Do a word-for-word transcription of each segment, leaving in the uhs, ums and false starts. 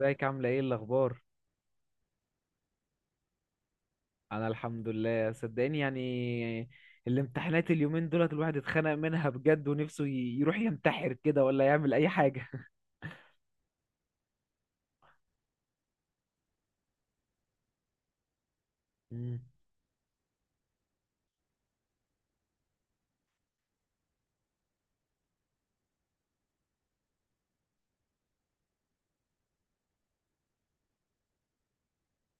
ازيك عاملة ايه الأخبار؟ أنا الحمد لله، صدقني. يعني الامتحانات اليومين دولت الواحد اتخنق منها بجد، ونفسه ي- يروح ينتحر كده، ولا يعمل أي حاجة. مم.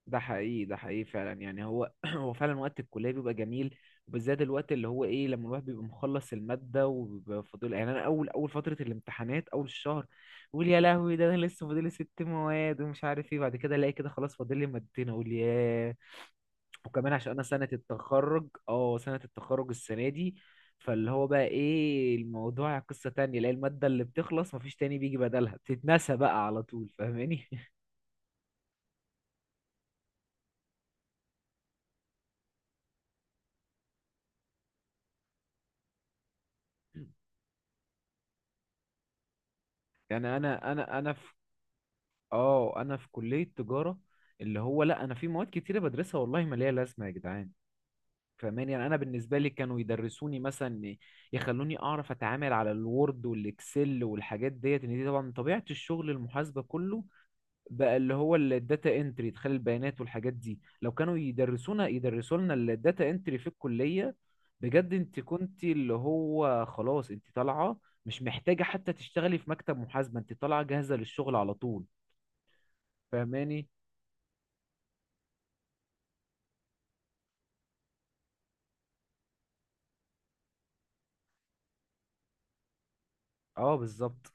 ده حقيقي، ده حقيقي فعلا. يعني هو هو فعلا وقت الكلية بيبقى جميل، وبالذات الوقت اللي هو ايه، لما الواحد بيبقى مخلص المادة وبيبقى فاضل. يعني أنا أول أول فترة الامتحانات، أول الشهر، بقول يا لهوي، ده أنا لسه فاضل لي ست مواد ومش عارف ايه. بعد كده ألاقي كده خلاص فاضل لي مادتين، أقول ياه. وكمان عشان انا سنة التخرج، اه سنة التخرج السنة دي، فاللي هو بقى ايه، الموضوع قصة تانية. لا المادة اللي بتخلص مفيش تاني بيجي بدلها، بتتنسى بقى على طول، فاهماني؟ يعني انا انا انا في اه انا في كلية تجارة، اللي هو لا، انا في مواد كتيرة بدرسها والله ما ليها لازمة يا جدعان. فاهماني؟ يعني انا بالنسبة لي كانوا يدرسوني مثلا، يخلوني اعرف اتعامل على الوورد والاكسل والحاجات ديت. ان دي طبعا من طبيعة الشغل المحاسبة كله، بقى اللي هو الداتا انتري، ادخال البيانات والحاجات دي. لو كانوا يدرسونا يدرسوا لنا الداتا انتري في الكلية بجد، انت كنت اللي هو خلاص انت طالعة، مش محتاجة حتى تشتغلي في مكتب محاسبة، انت طالعة جاهزة للشغل على طول. فاهماني؟ اه، بالظبط.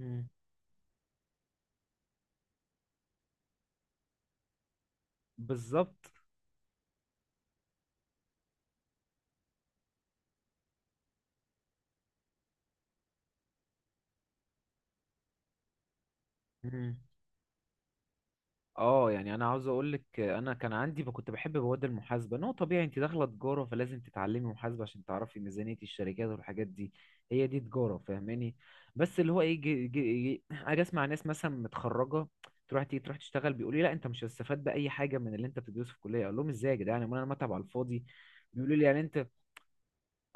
مم. بالظبط. مم. اه، يعني انا عاوز اقول لك، انا كان عندي كنت بحب مواد المحاسبه. ان هو طبيعي انت داخله تجاره، فلازم تتعلمي محاسبه عشان تعرفي ميزانيه الشركات والحاجات دي. هي دي تجاره، فاهماني؟ بس اللي هو ايه، جي جي جي اجي اسمع، ناس مثلا متخرجه تروح تيجي تروح تشتغل بيقول لي لا، انت مش هتستفاد باي حاجه من اللي انت بتدرسه في الكليه. اقول لهم ازاي يا جدعان، امال انا متعب على الفاضي؟ بيقولوا لي يعني انت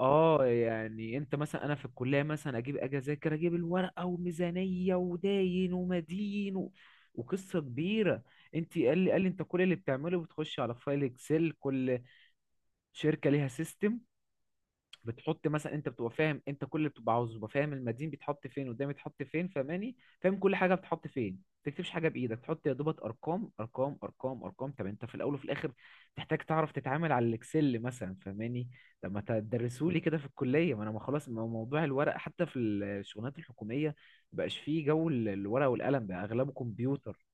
اه، يعني انت مثلا انا في الكليه مثلا اجيب اجي اذاكر اجيب الورقه وميزانيه، وداين ومدين و... وقصه كبيره. انت قال لي قال لي انت كل اللي بتعمله بتخش على فايل اكسل. كل شركه ليها سيستم، بتحط مثلا. انت بتبقى فاهم انت كل اللي بتبقى عاوزه، بتبقى فاهم المدين بيتحط فين، قدام بيتحط فين، فاهماني، فاهم كل حاجه بتحط فين. ما تكتبش حاجه بايدك، تحط يا دوبك ارقام ارقام ارقام ارقام. طب انت في الاول وفي الاخر تحتاج تعرف تتعامل على الاكسل مثلا، فاهماني؟ طب ما تدرسولي كده في الكليه، ما انا ما خلاص، ما هو موضوع الورق حتى في الشغلانات الحكوميه مبقاش فيه جو ال- الورق والقلم، بقى اغلبه كمبيوتر.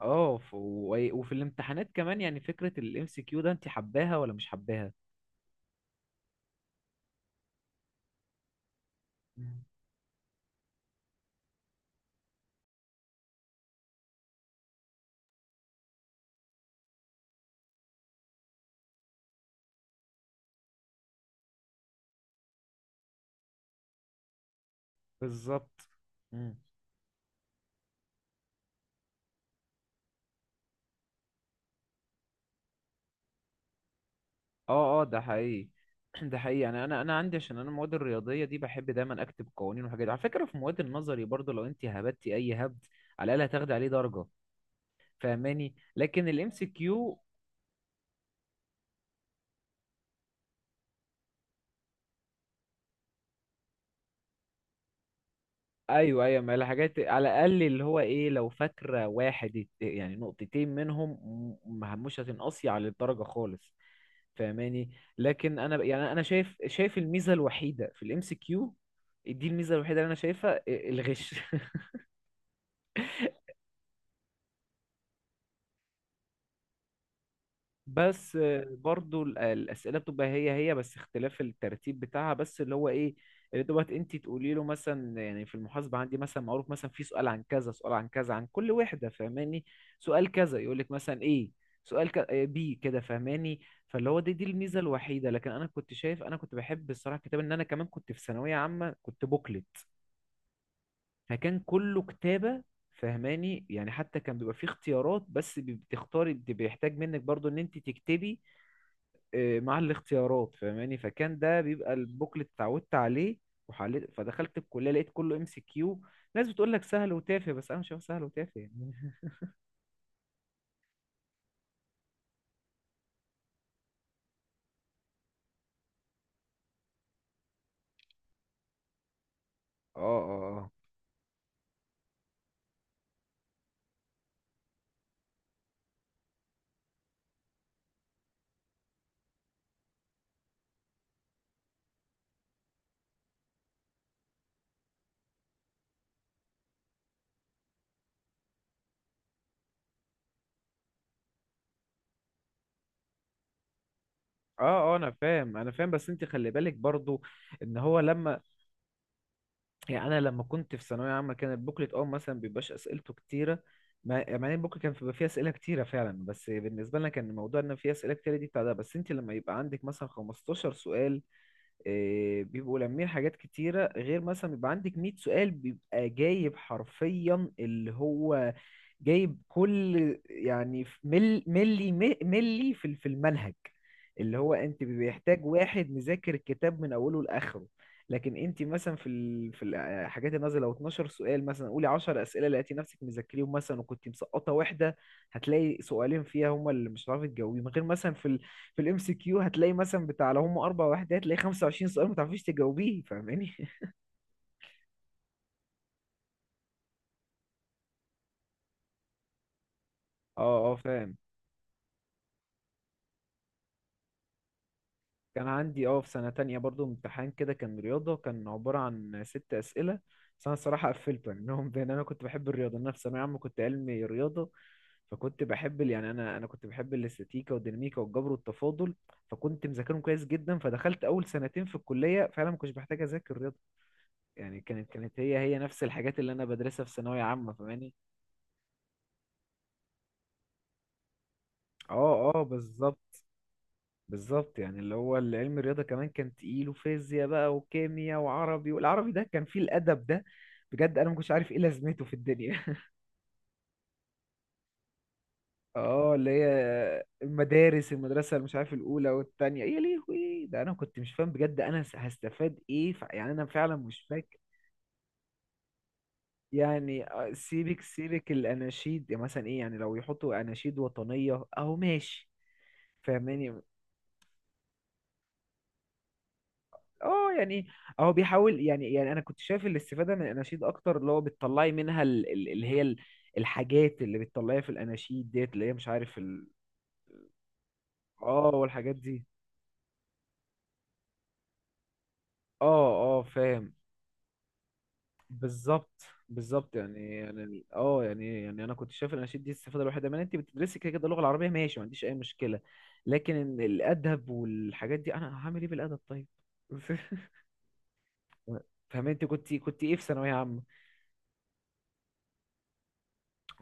اه ف- و- وفي الامتحانات كمان، يعني فكره الام سي كيو ده انت حباها ولا مش حباها؟ مم. بالظبط. مم. اه اه ده حقيقي. ده حقيقي. يعني انا انا عندي عشان انا المواد الرياضيه دي بحب دايما اكتب قوانين وحاجات. على فكره في مواد النظري برضو، لو انت هبتي اي هبد على الاقل هتاخدي عليه درجه، فاهماني؟ لكن الام سي كيو، ايوه ايوه، ما الحاجات على الاقل اللي هو ايه، لو فاكره واحد ات- يعني نقطتين منهم م- م- مش هتنقصي على الدرجه خالص، فاهماني؟ لكن انا ب- يعني انا شايف، شايف الميزه الوحيده في الام سي كيو دي، الميزه الوحيده اللي انا شايفها الغش. بس آه، برضو ال- الأسئلة بتبقى هي هي، بس اختلاف الترتيب بتاعها، بس اللي هو ايه، اللي دوت انت تقولي له مثلا. يعني في المحاسبة عندي مثلا معروف مثلا في سؤال عن كذا، سؤال عن كذا، عن كل وحدة، فاهماني؟ سؤال كذا يقول لك مثلا ايه، سؤال ك... آه، بي كده، فاهماني؟ فاللي هو دي دي الميزة الوحيدة. لكن انا كنت شايف، انا كنت بحب الصراحة الكتاب. ان انا كمان كنت في ثانوية عامة كنت بوكلت، فكان كله كتابة، فاهماني؟ يعني حتى كان بيبقى فيه اختيارات، بس بتختاري بيحتاج منك برضو ان انت تكتبي آه، مع الاختيارات، فاهماني؟ فكان ده بيبقى البوكلت، اتعودت عليه وحليت. فدخلت الكليه لقيت كله ام سي كيو. ناس بتقول لك سهل وتافه، بس انا شايف سهل وتافه يعني. اه اه اه. اه اه انا فاهم، انا فاهم، بس انت خلي بالك برضو ان هو لما، يعني انا لما كنت في ثانويه عامه كان البوكلت اه مثلا بيبقاش اسئلته كتيره. مع مع ان البوكلت كان بيبقى فيه اسئله كتيره فعلا، بس بالنسبه لنا كان الموضوع ان فيه اسئله كتيره دي بتاع ده. بس انت لما يبقى عندك مثلا 15 سؤال، إيه، بيبقوا لامين حاجات كتيرة، غير مثلا بيبقى عندك 100 سؤال، بيبقى جايب حرفيا اللي هو جايب كل. يعني في مل ملي ملي في في المنهج. اللي هو انت بيحتاج واحد مذاكر الكتاب من اوله لاخره. لكن انت مثلا في ال... في الحاجات النازله لو 12 سؤال مثلا، قولي 10 اسئله لقيتي نفسك مذاكريهم مثلا، وكنت مسقطه واحده، هتلاقي سؤالين فيها هما اللي مش هتعرفي تجاوبيهم. غير مثلا في ال... في الام سي كيو هتلاقي مثلا بتاع لو هم اربع وحدات هتلاقي 25 سؤال ما تعرفيش تجاوبيه، فاهماني؟ اه اه فاهم. كان عندي اه في سنه تانية برضو امتحان كده كان رياضه، كان عباره عن ست اسئله، بس انا الصراحه قفلته يعني. منهم بان انا كنت بحب الرياضه. انا في ثانويه عامه كنت علمي رياضه، فكنت بحب ال- يعني انا انا كنت بحب الاستاتيكا والديناميكا والجبر والتفاضل. فكنت مذاكرهم كويس جدا. فدخلت اول سنتين في الكليه فعلا ما كنتش بحتاج اذاكر رياضه. يعني كانت كانت هي هي نفس الحاجات اللي انا بدرسها في ثانويه عامه، فاهماني؟ اه اه بالظبط. بالظبط يعني اللي هو العلم الرياضة كمان كان تقيل، وفيزياء بقى، وكيمياء، وعربي. والعربي ده كان فيه الأدب ده، بجد أنا ما كنتش عارف إيه لازمته في الدنيا. اه اللي هي المدارس، المدرسة اللي مش عارف الأولى والتانية. يا لهوي، ده أنا كنت مش فاهم بجد أنا هستفاد إيه. ف- يعني أنا فعلا مش فاكر. يعني آه، سيبك سيبك الأناشيد، يعني مثلا إيه، يعني لو يحطوا أناشيد وطنية أهو ماشي، فاهماني؟ اه يعني هو بيحاول يعني، يعني انا كنت شايف الاستفاده من الاناشيد اكتر، اللي هو بتطلعي منها ال- ال- اللي هي ال- الحاجات اللي بتطلعيها في الاناشيد ديت، اللي هي مش عارف ال... اه والحاجات دي. اه اه فاهم. بالظبط. بالظبط يعني يعني ال- اه يعني يعني انا كنت شايف الاناشيد دي الاستفاده الوحيده منها انت بتدرسي كده كده اللغه العربيه، ماشي، ما عنديش اي مشكله. لكن ال- الادب والحاجات دي، انا هعمل ايه بالادب طيب؟ فاهم؟ انت كنت كنت ايه في ثانويه عامه؟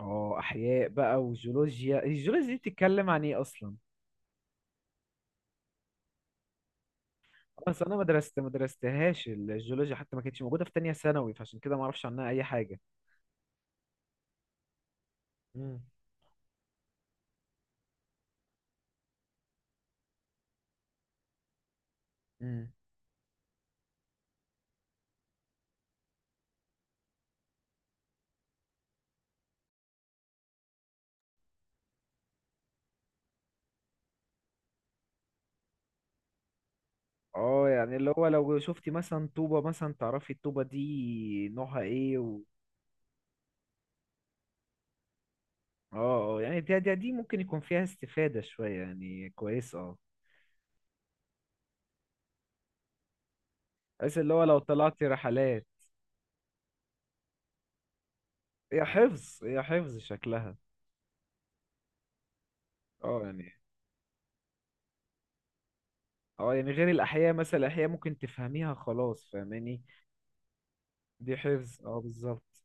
اه احياء بقى وجيولوجيا. الجيولوجيا دي بتتكلم عن ايه اصلا؟ اصل انا ما درست ما درستهاش الجيولوجيا، حتى ما كانتش موجوده في تانية ثانوي. فعشان كده ما اعرفش عنها اي حاجه. امم امم اه يعني اللي هو لو شفتي مثلا طوبه مثلا تعرفي الطوبه دي نوعها ايه و... اه اه يعني دي, دي دي ممكن يكون فيها استفاده شويه يعني، كويس. اه، بس اللي هو لو طلعتي رحلات. هي حفظ، هي حفظ شكلها. اه يعني، اه يعني غير الاحياء مثلا الاحياء ممكن تفهميها خلاص، فاهماني؟ دي حفظ، اه بالظبط.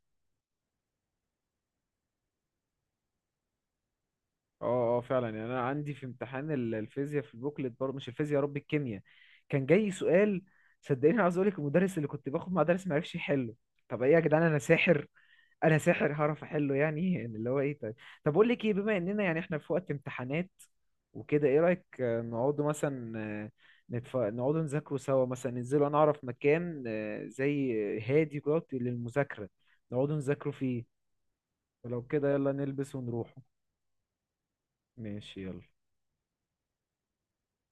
اه اه فعلا، يعني انا عندي في امتحان ال- الفيزياء في البوكلت برضه، مش الفيزياء يا رب الكيمياء، كان جاي سؤال صدقني عاوز اقول لك المدرس اللي كنت باخد مع درس ما عرفش يحله. طب ايه يا جدعان، انا ساحر، انا ساحر هعرف احله يعني؟ يعني اللي هو ايه طيب، طب اقول لك ايه، بما اننا يعني احنا في وقت امتحانات وكده، ايه رايك آه، نقعدوا مثلا آه، نتف... نقعدوا نذاكروا سوا مثلا، ننزلوا انا اعرف مكان آه، زي هادي كده للمذاكره، نقعدوا نذاكروا فيه. ولو كده يلا نلبس ونروح. ماشي يلا